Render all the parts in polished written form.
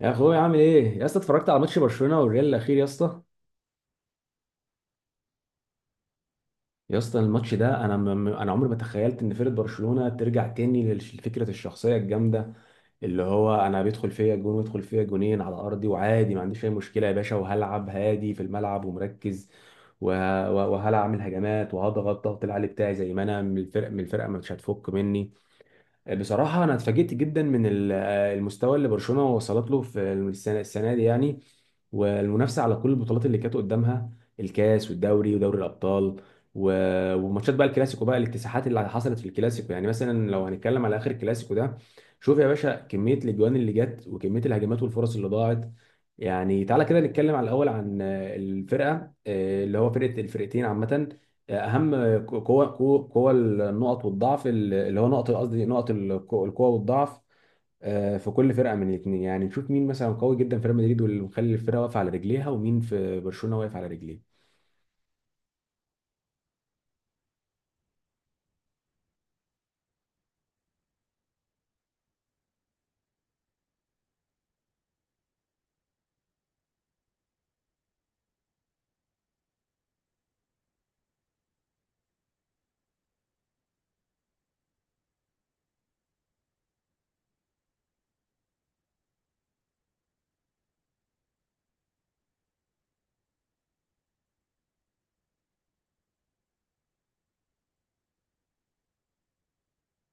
يا اخويا، عامل ايه يا اسطى؟ اتفرجت على ماتش برشلونه والريال الاخير يا اسطى؟ يا اسطى الماتش ده انا انا عمري ما تخيلت ان فرقه برشلونه ترجع تاني لفكره الشخصيه الجامده، اللي هو انا بيدخل فيا جون ويدخل فيا جونين على ارضي، وعادي ما عنديش اي مشكله يا باشا، وهلعب هادي في الملعب ومركز، وهلعب اعمل هجمات وهضغط ضغط العالي بتاعي زي ما انا، من الفرقه مش هتفك مني. بصراحة أنا اتفاجئت جدا من المستوى اللي برشلونة وصلت له في السنة دي يعني، والمنافسة على كل البطولات اللي كانت قدامها، الكاس والدوري ودوري الأبطال. وماتشات بقى الكلاسيكو، بقى الاكتساحات اللي حصلت في الكلاسيكو. يعني مثلا لو هنتكلم على آخر الكلاسيكو ده، شوف يا باشا كمية الأجوان اللي جت وكمية الهجمات والفرص اللي ضاعت. يعني تعالى كده نتكلم على الأول عن الفرقة، آه، اللي هو فرقة الفرقتين عامة، اهم قوه قوه قوة النقط والضعف، اللي هو نقط، قصدي نقط القوه والضعف، آه، في كل فرقه من الاثنين. يعني نشوف مين مثلا قوي جدا في ريال مدريد، واللي مخلي الفرقه واقفه على رجليها، ومين في برشلونه واقف على رجليه.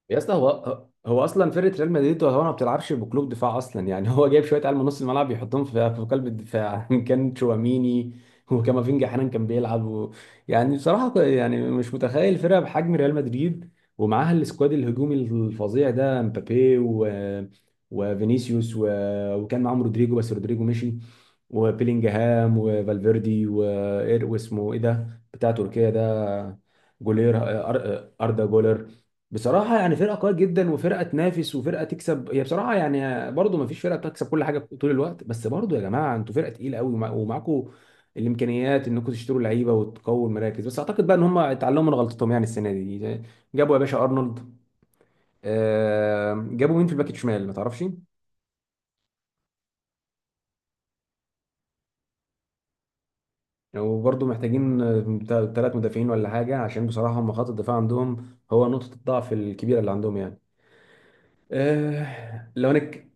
يا اسطى هو اصلا فرقه ريال مدريد هو ما بتلعبش بقلوب دفاع اصلا، يعني هو جايب شويه عيال من نص الملعب يحطهم في قلب الدفاع كان تشواميني وكامافينجا احيانا كان بيلعب و... يعني بصراحه يعني مش متخيل فرقه بحجم ريال مدريد، ومعاها السكواد الهجومي الفظيع ده، مبابي و... وفينيسيوس و... وكان معاهم رودريجو، بس رودريجو مشي، وبيلينجهام وفالفيردي و... إيه، واسمه ايه ده بتاع تركيا ده؟ جولير، اردا جولر. بصراحة يعني فرقة قوية جدا، وفرقة تنافس، وفرقة تكسب، هي بصراحة يعني برضو ما فيش فرقة بتكسب كل حاجة طول الوقت، بس برضو يا جماعة انتوا فرقة تقيلة قوي، ومعاكوا الإمكانيات انكم تشتروا لعيبة وتقووا المراكز. بس أعتقد بقى ان هم اتعلموا من غلطتهم يعني السنة دي، جابوا يا باشا أرنولد، آه، جابوا مين في الباك الشمال ما تعرفش. وبرضو محتاجين ثلاث مدافعين ولا حاجة، عشان بصراحة هم خط الدفاع عندهم هو نقطة الضعف الكبيرة اللي عندهم يعني. آه، لو هنك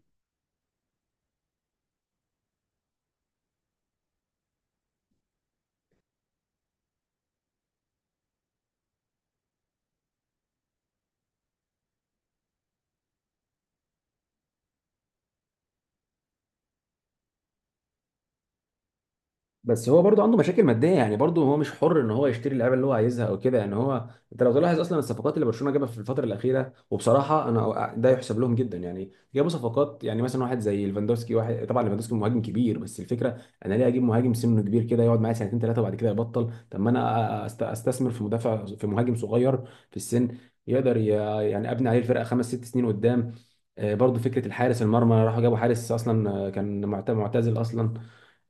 بس هو برضه عنده مشاكل ماديه يعني، برضه هو مش حر ان هو يشتري اللعيبه اللي هو عايزها او كده يعني. هو انت لو تلاحظ اصلا الصفقات اللي برشلونه جابها في الفتره الاخيره، وبصراحه انا ده يحسب لهم جدا. يعني جابوا صفقات يعني، مثلا واحد زي ليفاندوسكي، واحد طبعا ليفاندوسكي مهاجم كبير، بس الفكره انا ليه اجيب مهاجم سنه كبير كده يقعد معايا سنتين ثلاثه وبعد كده يبطل؟ طب ما انا استثمر في مدافع، في مهاجم صغير في السن، يقدر ي- يعني ابني عليه الفرقه خمس ست سنين قدام. آه، برضه فكره الحارس المرمى، راحوا جابوا حارس اصلا آه، كان معتزل اصلا.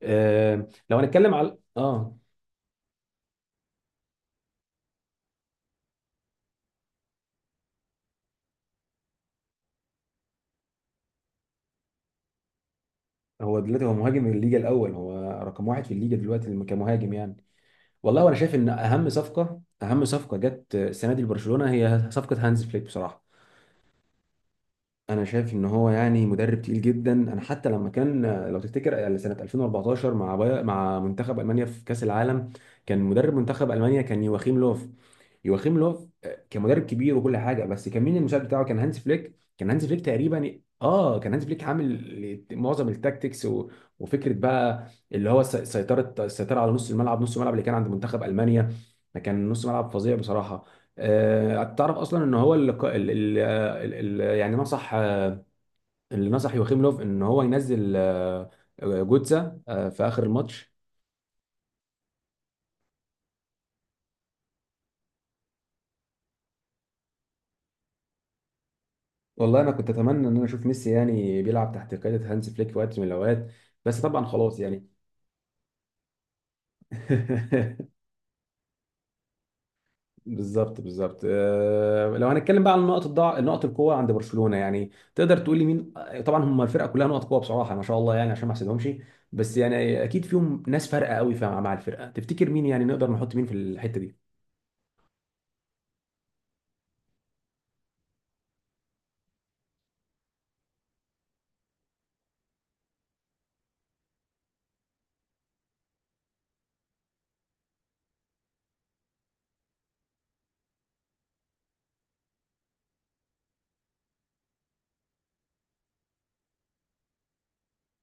آه لو هنتكلم على اه هو دلوقتي هو مهاجم الليجا الاول، هو رقم واحد في الليجا دلوقتي كمهاجم يعني. والله وانا شايف ان اهم صفقه جت السنه دي لبرشلونه هي صفقه هانز فليك بصراحه. انا شايف ان هو يعني مدرب تقيل جدا. انا حتى لما كان، لو تفتكر يعني سنه 2014 مع منتخب المانيا في كاس العالم، كان مدرب منتخب المانيا كان يواخيم لوف. يواخيم لوف آه، كان مدرب كبير وكل حاجه، بس كان مين المساعد بتاعه؟ كان هانز فليك. كان هانز فليك تقريبا، اه كان هانز فليك عامل معظم التاكتكس و... وفكره بقى اللي هو السيطره على نص الملعب اللي كان عند منتخب المانيا. كان نص ملعب فظيع بصراحه. آه، تعرف اصلا ان هو يعني نصح، اللي نصح يوخيم لوف ان هو ينزل آه، آه، جوتزا آه، في اخر الماتش. والله انا كنت اتمنى ان انا اشوف ميسي يعني بيلعب تحت قياده هانز فليك في وقت من الاوقات، بس طبعا خلاص يعني. بالظبط آه، لو هنتكلم بقى عن نقط الضعف نقط القوه عند برشلونه، يعني تقدر تقول لي مين، آه، طبعا هم الفرقه كلها نقط قوه بصراحه، ما شاء الله يعني عشان ما احسدهمش. بس يعني اكيد فيهم ناس فارقه قوي مع الفرقه، تفتكر مين؟ يعني نقدر نحط مين في الحته دي؟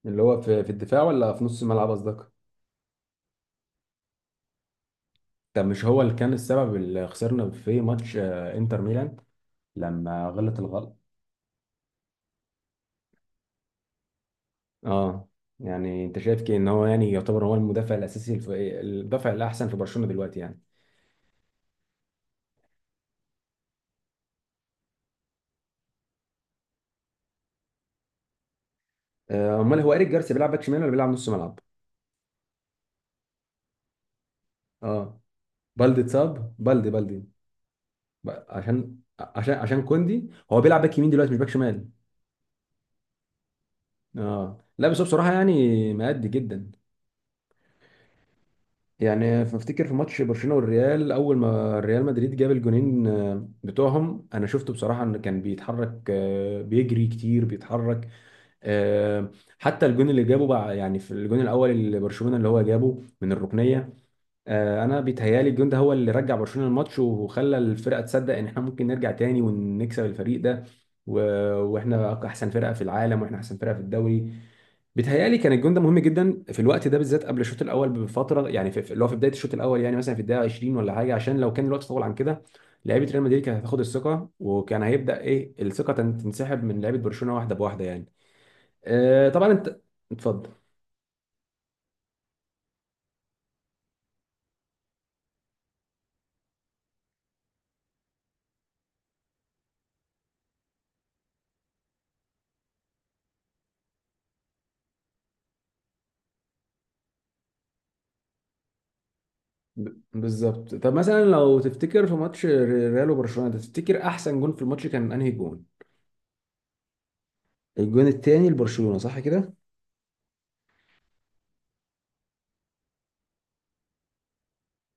اللي هو في الدفاع ولا في نص الملعب قصدك؟ طب مش هو اللي كان السبب اللي خسرنا في ماتش آه، انتر ميلان؟ لما غلط الغلط، اه. يعني انت شايف كده ان هو يعني يعتبر هو المدافع الاساسي المدافع الاحسن في برشلونه دلوقتي يعني؟ آه، امال هو ايريك جارسيا بيلعب باك شمال ولا بيلعب نص ملعب؟ اه، بالدي اتصاب، بالدي. عشان كوندي هو بيلعب باك يمين دلوقتي مش باك شمال. اه لا، بس هو بصراحه يعني مأدي جدا. يعني بفتكر في ماتش برشلونه والريال، اول ما ريال مدريد جاب الجونين آه، بتوعهم، انا شفته بصراحه انه كان بيتحرك آه، بيجري كتير بيتحرك آه، حتى الجون اللي جابه بقى. يعني في الجون الاول اللي برشلونه اللي هو جابه من الركنيه، آه، انا بيتهيالي الجون ده هو اللي رجع برشلونه الماتش، وخلى الفرقه تصدق ان احنا ممكن نرجع تاني ونكسب الفريق ده. و- واحنا احسن فرقه في العالم، واحنا احسن فرقه في الدوري. بيتهيألي كان الجون ده مهم جدا في الوقت ده بالذات، قبل الشوط الاول بفتره يعني، اللي هو في بدايه الشوط الاول يعني، مثلا في الدقيقه 20 ولا حاجه، عشان لو كان الوقت طول عن كده لعيبه ريال مدريد كانت هتاخد الثقه، وكان هيبدا ايه الثقه تنسحب من لعيبه برشلونه واحده بواحده يعني. آه طبعا انت، اتفضل. بالظبط طب مثلا لو تفتكر في ماتش ريال وبرشلونه ده، تفتكر احسن جون في الماتش كان انهي جون؟ الجون التاني لبرشلونه صح كده؟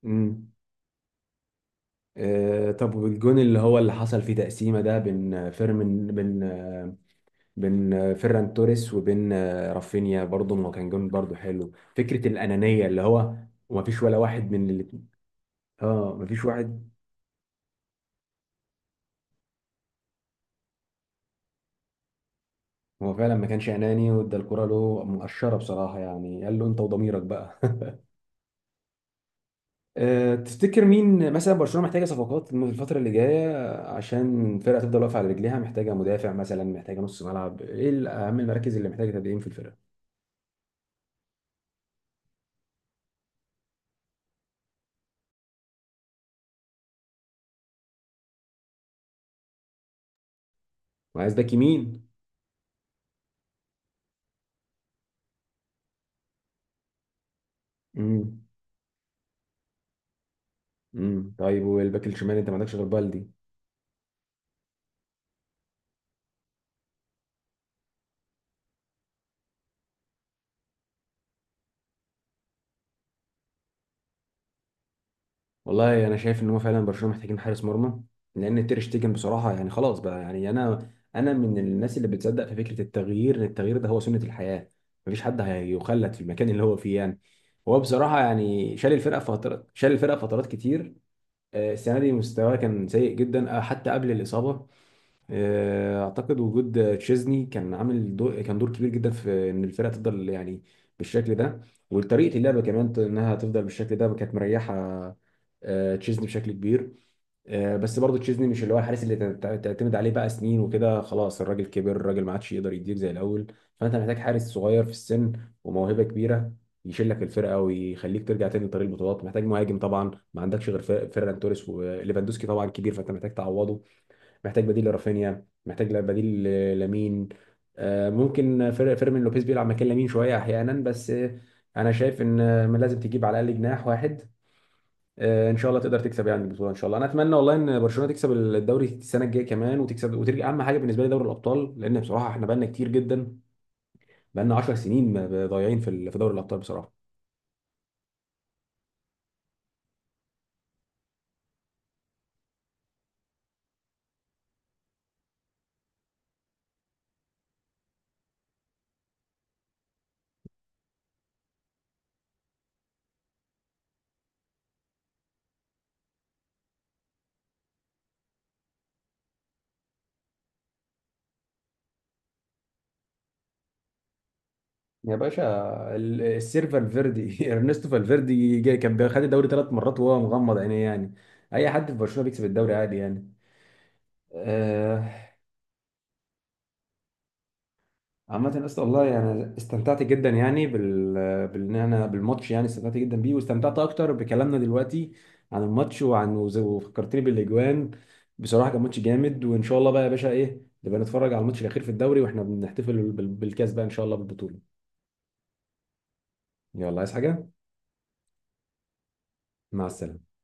امم. آه طب والجون اللي هو اللي حصل فيه تقسيمه ده بين فيرمين بين آه، فيران توريس وبين آه، رافينيا، برضه ما كان جون؟ برضه حلو فكره الانانيه اللي هو، وما فيش ولا واحد من اللي، اه ما فيش واحد. هو فعلا ما كانش اناني، وادى الكره له مقشره بصراحه، يعني قال له انت وضميرك بقى. آه، تفتكر مين مثلا برشلونه محتاجه صفقات الفتره اللي جايه، عشان الفرقه تفضل واقفه على رجليها؟ محتاجه مدافع مثلا، محتاجه نص ملعب، ايه اهم المراكز اللي محتاجه تدعيم في الفرقه؟ وعايز باك يمين. امم. امم. طيب والباك الشمال انت ما عندكش غير بالدي؟ والله انا شايف ان هو فعلا برشلونه محتاجين حارس مرمى، لان تير شتيجن بصراحه يعني خلاص بقى يعني. انا انا من الناس اللي بتصدق في فكره التغيير، ان التغيير ده هو سنه الحياه، مفيش حد هيخلد في المكان اللي هو فيه يعني. هو بصراحه يعني شال الفرقه فترات كتير. آه، السنه دي مستواه كان سيء جدا آه، حتى قبل الاصابه. آه، اعتقد وجود تشيزني كان عامل دور، كان دور كبير جدا في ان الفرقه تفضل يعني بالشكل ده، وطريقه اللعبه كمان انها تفضل بالشكل ده، كانت مريحه آه، تشيزني بشكل كبير. آه، بس برضه تشيزني مش اللي هو الحارس اللي تعتمد عليه بقى سنين وكده، خلاص الراجل كبر، الراجل ما عادش يقدر يديك زي الاول. فانت محتاج حارس صغير في السن، وموهبه كبيره يشيل لك الفرقه ويخليك ترجع تاني لطريق البطولات. محتاج مهاجم طبعا، ما عندكش غير فيران توريس، وليفاندوسكي طبعا كبير، فانت محتاج تعوضه. محتاج بديل لرافينيا، محتاج بديل لمين، آه، ممكن فيرمين لوبيز بيلعب مكان لمين شويه احيانا، بس آه، انا شايف ان آه، لازم تجيب على الاقل جناح واحد. آه، ان شاء الله تقدر تكسب يعني البطوله، ان شاء الله. انا اتمنى والله ان برشلونه تكسب الدوري السنه الجايه كمان، وتكسب وترجع اهم حاجه بالنسبه لي دوري الابطال، لان بصراحه احنا بقالنا كتير جدا، بقالنا 10 سنين ضايعين في في دوري الابطال بصراحه. يا باشا السير فالفيردي ارنستو فالفيردي جاي، كان خد الدوري ثلاث مرات وهو مغمض عينيه يعني. اي حد في برشلونه بيكسب الدوري عادي يعني، آه. عامة اسطى، والله يعني استمتعت جدا يعني بان انا بالماتش يعني، استمتعت جدا بيه، واستمتعت اكتر بكلامنا دلوقتي عن الماتش، وعن وفكرتني بالاجوان. بصراحة كان ماتش جامد، وان شاء الله بقى يا باشا ايه، نبقى نتفرج على الماتش الاخير في الدوري واحنا بنحتفل بالكاس بقى، ان شاء الله بالبطولة. يلا، عايز حاجة؟ مع السلامة.